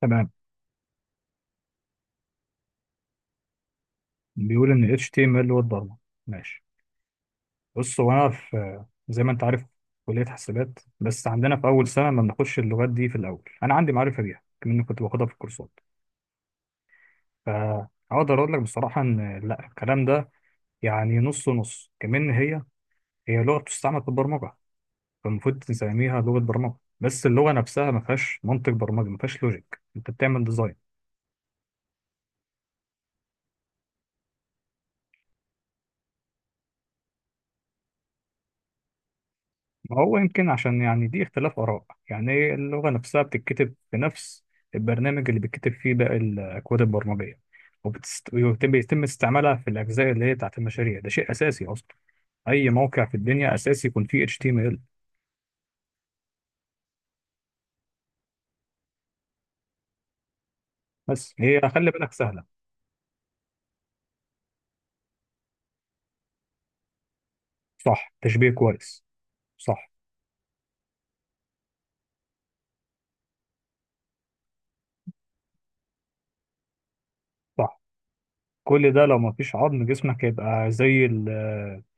تمام. بيقول ان ال HTML هو الضغط. ماشي. بص، هو انا، في زي ما انت عارف، كلية حسابات، بس عندنا في اول سنة ما بناخدش اللغات دي في الاول. انا عندي معرفة بيها، كمان كنت باخدها في الكورسات. فاقدر اقول لك بصراحة ان لا، الكلام ده يعني نص نص. كمان هي لغة بتستعمل في البرمجة، فالمفروض تسميها لغة برمجة، بس اللغة نفسها ما فيهاش منطق برمجي، ما فيهاش لوجيك، انت بتعمل ديزاين. ما هو يمكن عشان يعني دي اختلاف آراء. يعني اللغة نفسها بتتكتب في نفس البرنامج اللي بتكتب فيه باقي الأكواد البرمجية، وبيتم استعمالها في الأجزاء اللي هي بتاعت المشاريع. ده شيء أساسي أصلا، أي موقع في الدنيا أساسي يكون فيه HTML. بس هي خلي بالك سهلة. صح، تشبيه كويس. صح. صح، كل ده لو ما فيش عظم جسمك هيبقى زي ال،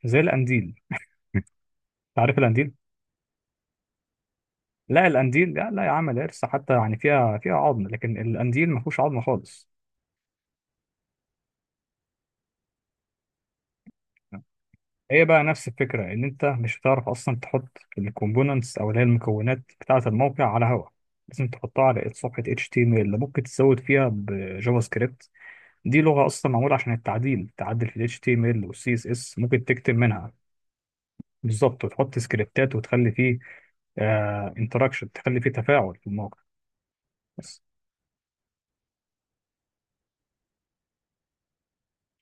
زي القنديل. تعرف القنديل؟ لا، القنديل لا لا، يا عم القرصة حتى يعني فيها فيها عظم، لكن القنديل ما فيهوش عظم خالص. هي بقى نفس الفكرة، إن أنت مش هتعرف أصلا تحط الكومبوننتس أو اللي هي المكونات بتاعة الموقع على هوا. لازم تحطها على صفحة HTML، اللي ممكن تزود فيها بجافا سكريبت. دي لغة أصلا معمولة عشان التعديل، تعدل في ال HTML وال CSS. ممكن تكتب منها بالظبط وتحط سكريبتات وتخلي فيه انتراكشن، تخلي فيه تفاعل في الموقع بس.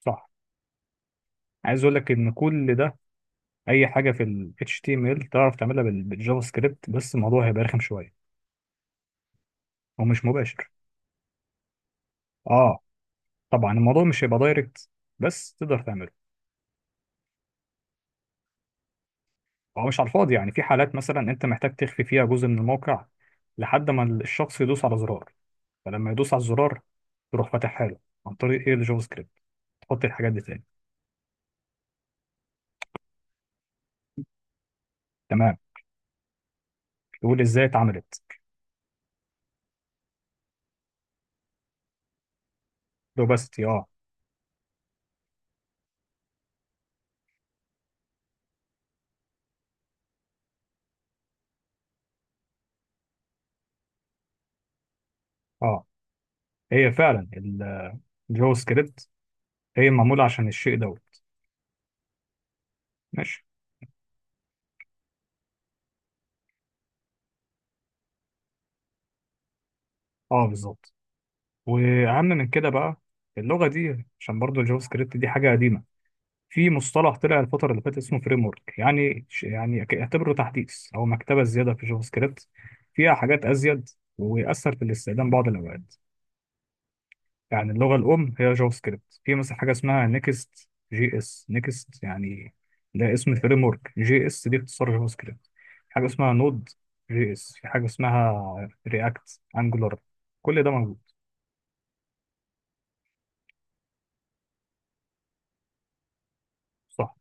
صح. عايز أقول لك إن كل ده، أي حاجة في ال HTML تعرف تعملها بالجافا سكريبت، بس الموضوع هيبقى رخم شوية ومش مباشر. اه، طبعا الموضوع مش هيبقى دايركت، بس تقدر تعمله. هو مش على الفاضي، يعني في حالات مثلا انت محتاج تخفي فيها جزء من الموقع لحد ما الشخص يدوس على زرار. فلما يدوس على الزرار تروح فاتحها له عن طريق ايه؟ الجافا سكريبت. تحط الحاجات دي تاني. تمام، تقول ازاي اتعملت. روباستي، اه. اه، هي فعلا الجافا سكريبت هي معموله عشان الشيء دوت. ماشي. اه بالظبط. واهم من كده بقى، اللغه دي، عشان برضو الجافا سكريبت دي حاجه قديمه، في مصطلح طلع الفترة اللي فاتت اسمه فريم ورك، يعني يعني اعتبره تحديث أو مكتبة زيادة في جافا سكريبت، فيها حاجات أزيد ويأثر في الاستخدام بعض الأوقات. يعني اللغة الأم هي جافا سكريبت، في مثلا حاجة اسمها نيكست جي اس، نيكست يعني. ده اسم فريم ورك، جي اس دي اختصار جافا سكريبت. في حاجة اسمها نود جي اس، في حاجة اسمها رياكت، أنجولار، كل ده موجود. صح.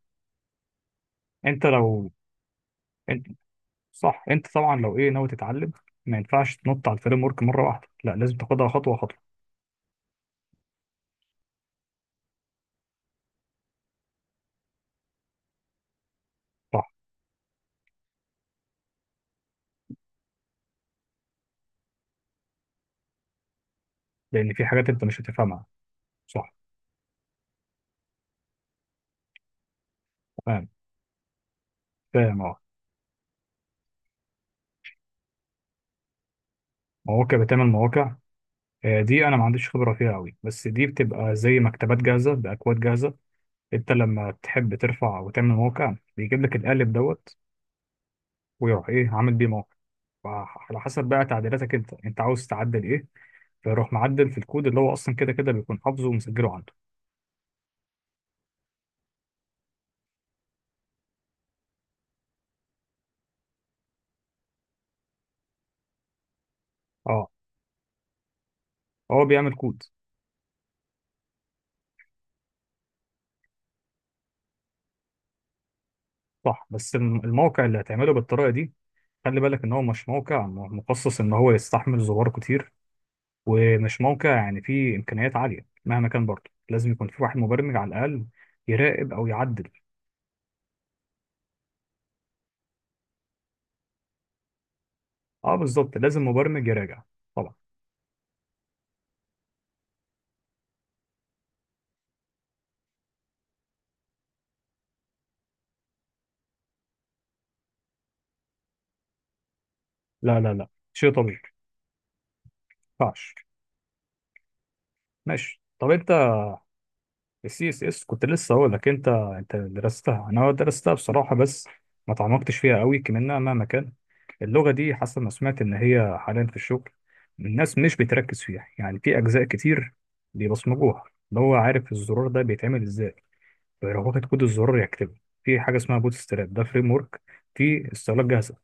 أنت لو، صح، انت طبعا لو ايه ناوي تتعلم، ما ينفعش تنط على الفريم ورك مره واحده، لا، لازم تاخدها خطوه خطوه. صح. لان في حاجات انت مش هتفهمها. صح. فاهم. فاهم اه. مواقع بتعمل مواقع. آه، دي انا ما عنديش خبره فيها قوي، بس دي بتبقى زي مكتبات جاهزه، باكواد جاهزه. انت لما تحب ترفع وتعمل موقع بيجيب لك القالب دوت، ويروح ايه عامل بيه موقع. على حسب بقى تعديلاتك، انت انت عاوز تعدل ايه، فيروح معدل في الكود اللي هو اصلا كده كده بيكون حافظه ومسجله عنده. اه. هو بيعمل كود. صح، بس الموقع اللي هتعمله بالطريقه دي، خلي بالك ان هو مش موقع مخصص ان هو يستحمل زوار كتير، ومش موقع يعني فيه امكانيات عاليه. مهما كان برضه لازم يكون في واحد مبرمج على الاقل يراقب او يعدل. اه بالظبط، لازم مبرمج يراجع. طبعا. لا، لا لا شيء طبيعي، ما ينفعش. ماشي. طب انت، السي اس اس كنت لسه هقول لك. انت، انت درستها، انا درستها بصراحه، بس ما تعمقتش فيها قوي كمان. مهما كان، اللغة دي حاسة، أنا سمعت إن هي حاليا في الشغل الناس مش بتركز فيها يعني في أجزاء كتير، بيبصمجوها. اللي هو عارف الزرار ده بيتعمل إزاي فيروح واخد كود الزرار يكتبه. في حاجة اسمها بوت ستراب، ده فريم ورك، في استهلاك جاهزة.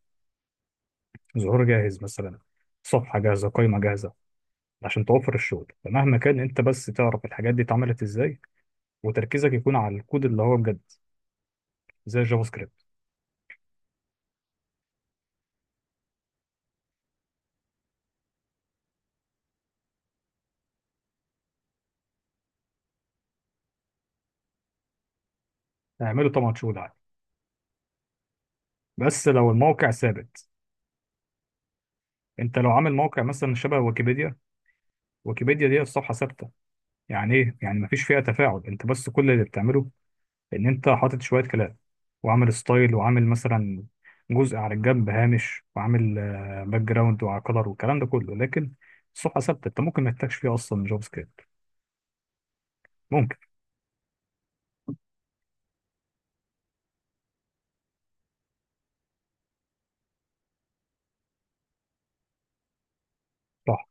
زرار جاهز مثلا، صفحة جاهزة، قائمة جاهزة، عشان توفر الشغل. فمهما كان أنت بس تعرف الحاجات دي اتعملت إزاي، وتركيزك يكون على الكود اللي هو بجد، زي الجافا سكريبت. هيعمله طبعا شغل عادي، بس لو الموقع ثابت. انت لو عامل موقع مثلا شبه ويكيبيديا، ويكيبيديا دي الصفحه ثابته، يعني ايه يعني؟ مفيش فيها تفاعل، انت بس كل اللي بتعمله ان انت حاطط شويه كلام، وعامل ستايل، وعامل مثلا جزء على الجنب هامش، وعامل آه، باك جراوند وعلى كلر والكلام ده كله، لكن الصفحه ثابته، انت ممكن ما تحتاجش فيها اصلا جافا سكريبت. ممكن. صح.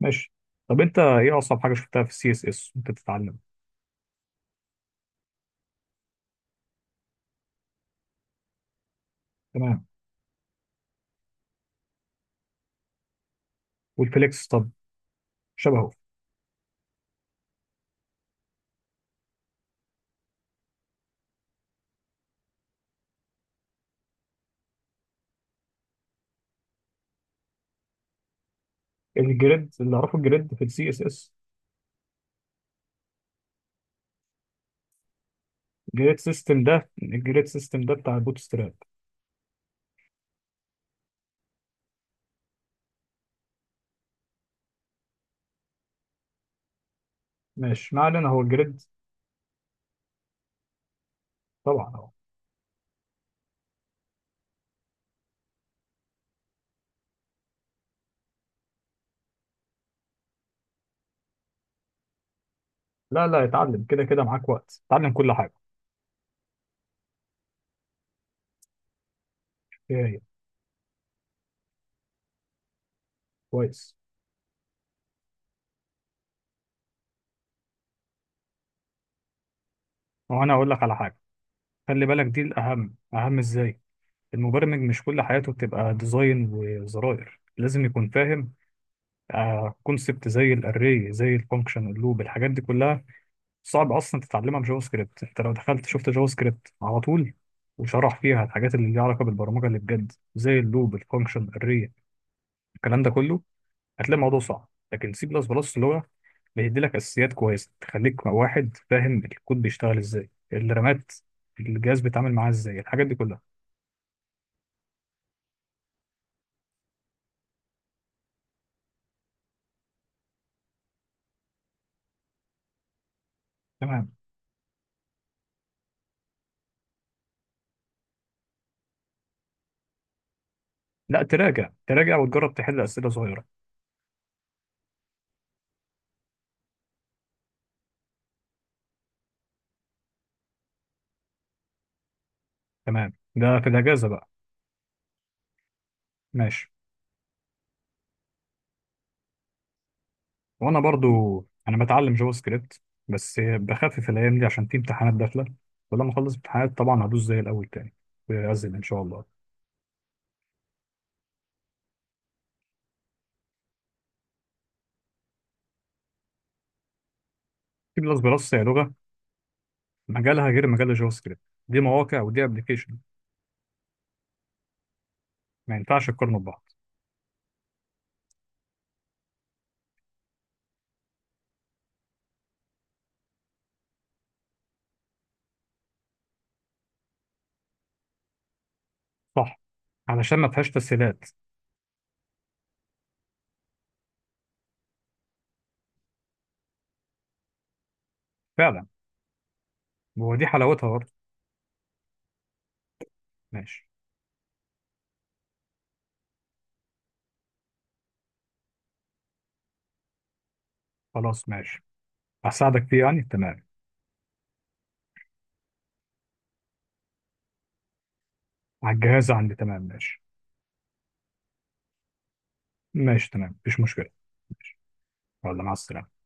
ماشي. طب انت ايه اصعب حاجه شفتها في السي اس اس وانت بتتعلم؟ تمام. والفليكس طب؟ شبهه. الجريد اللي اعرفه الجريد في السي اس اس. الجريد سيستم ده، الجريد سيستم ده بتاع البوت ستراب. ماشي، ما علينا، هو الجريد. طبعا. لا، لا اتعلم، كده كده معاك وقت، اتعلم كل حاجة. هي. كويس. وانا اقول لك على حاجة، خلي بالك دي الاهم، اهم ازاي، المبرمج مش كل حياته بتبقى ديزاين وزراير، لازم يكون فاهم كونسبت، زي الاري، زي الفانكشن، اللوب، الحاجات دي كلها، صعب اصلا تتعلمها بجافا سكريبت. انت لو دخلت شفت جافا سكريبت على طول، وشرح فيها الحاجات اللي ليها علاقة بالبرمجة اللي بجد، زي اللوب، الفانكشن، الاري، الكلام ده كله، هتلاقي الموضوع صعب. لكن سي بلس بلس لغة بيدي لك اساسيات كويسه، تخليك واحد فاهم الكود بيشتغل ازاي، الرامات الجهاز بيتعامل معاه ازاي، الحاجات دي كلها. تمام. لا، تراجع، تراجع وتجرب تحل اسئله صغيره. تمام، ده في الاجازه بقى. ماشي. وانا برضو انا بتعلم جافا سكريبت، بس بخفف الايام دي عشان في امتحانات داخله، ولما اخلص امتحانات طبعا هدوس زي الاول تاني. ويعزل ان شاء الله. سي بلس بلس هي لغه مجالها غير مجال الجافا سكريبت، دي مواقع ودي ابلكيشن. ما ينفعش تقارنوا ببعض. صح، علشان ما فيهاش تسهيلات. فعلا. ودي حلاوتها برضه. ماشي. خلاص ماشي، هساعدك فيه يعني، تمام. على الجهاز عندي، تمام، ماشي. ماشي تمام، مفيش مشكلة. ماشي. يلا مع السلامة.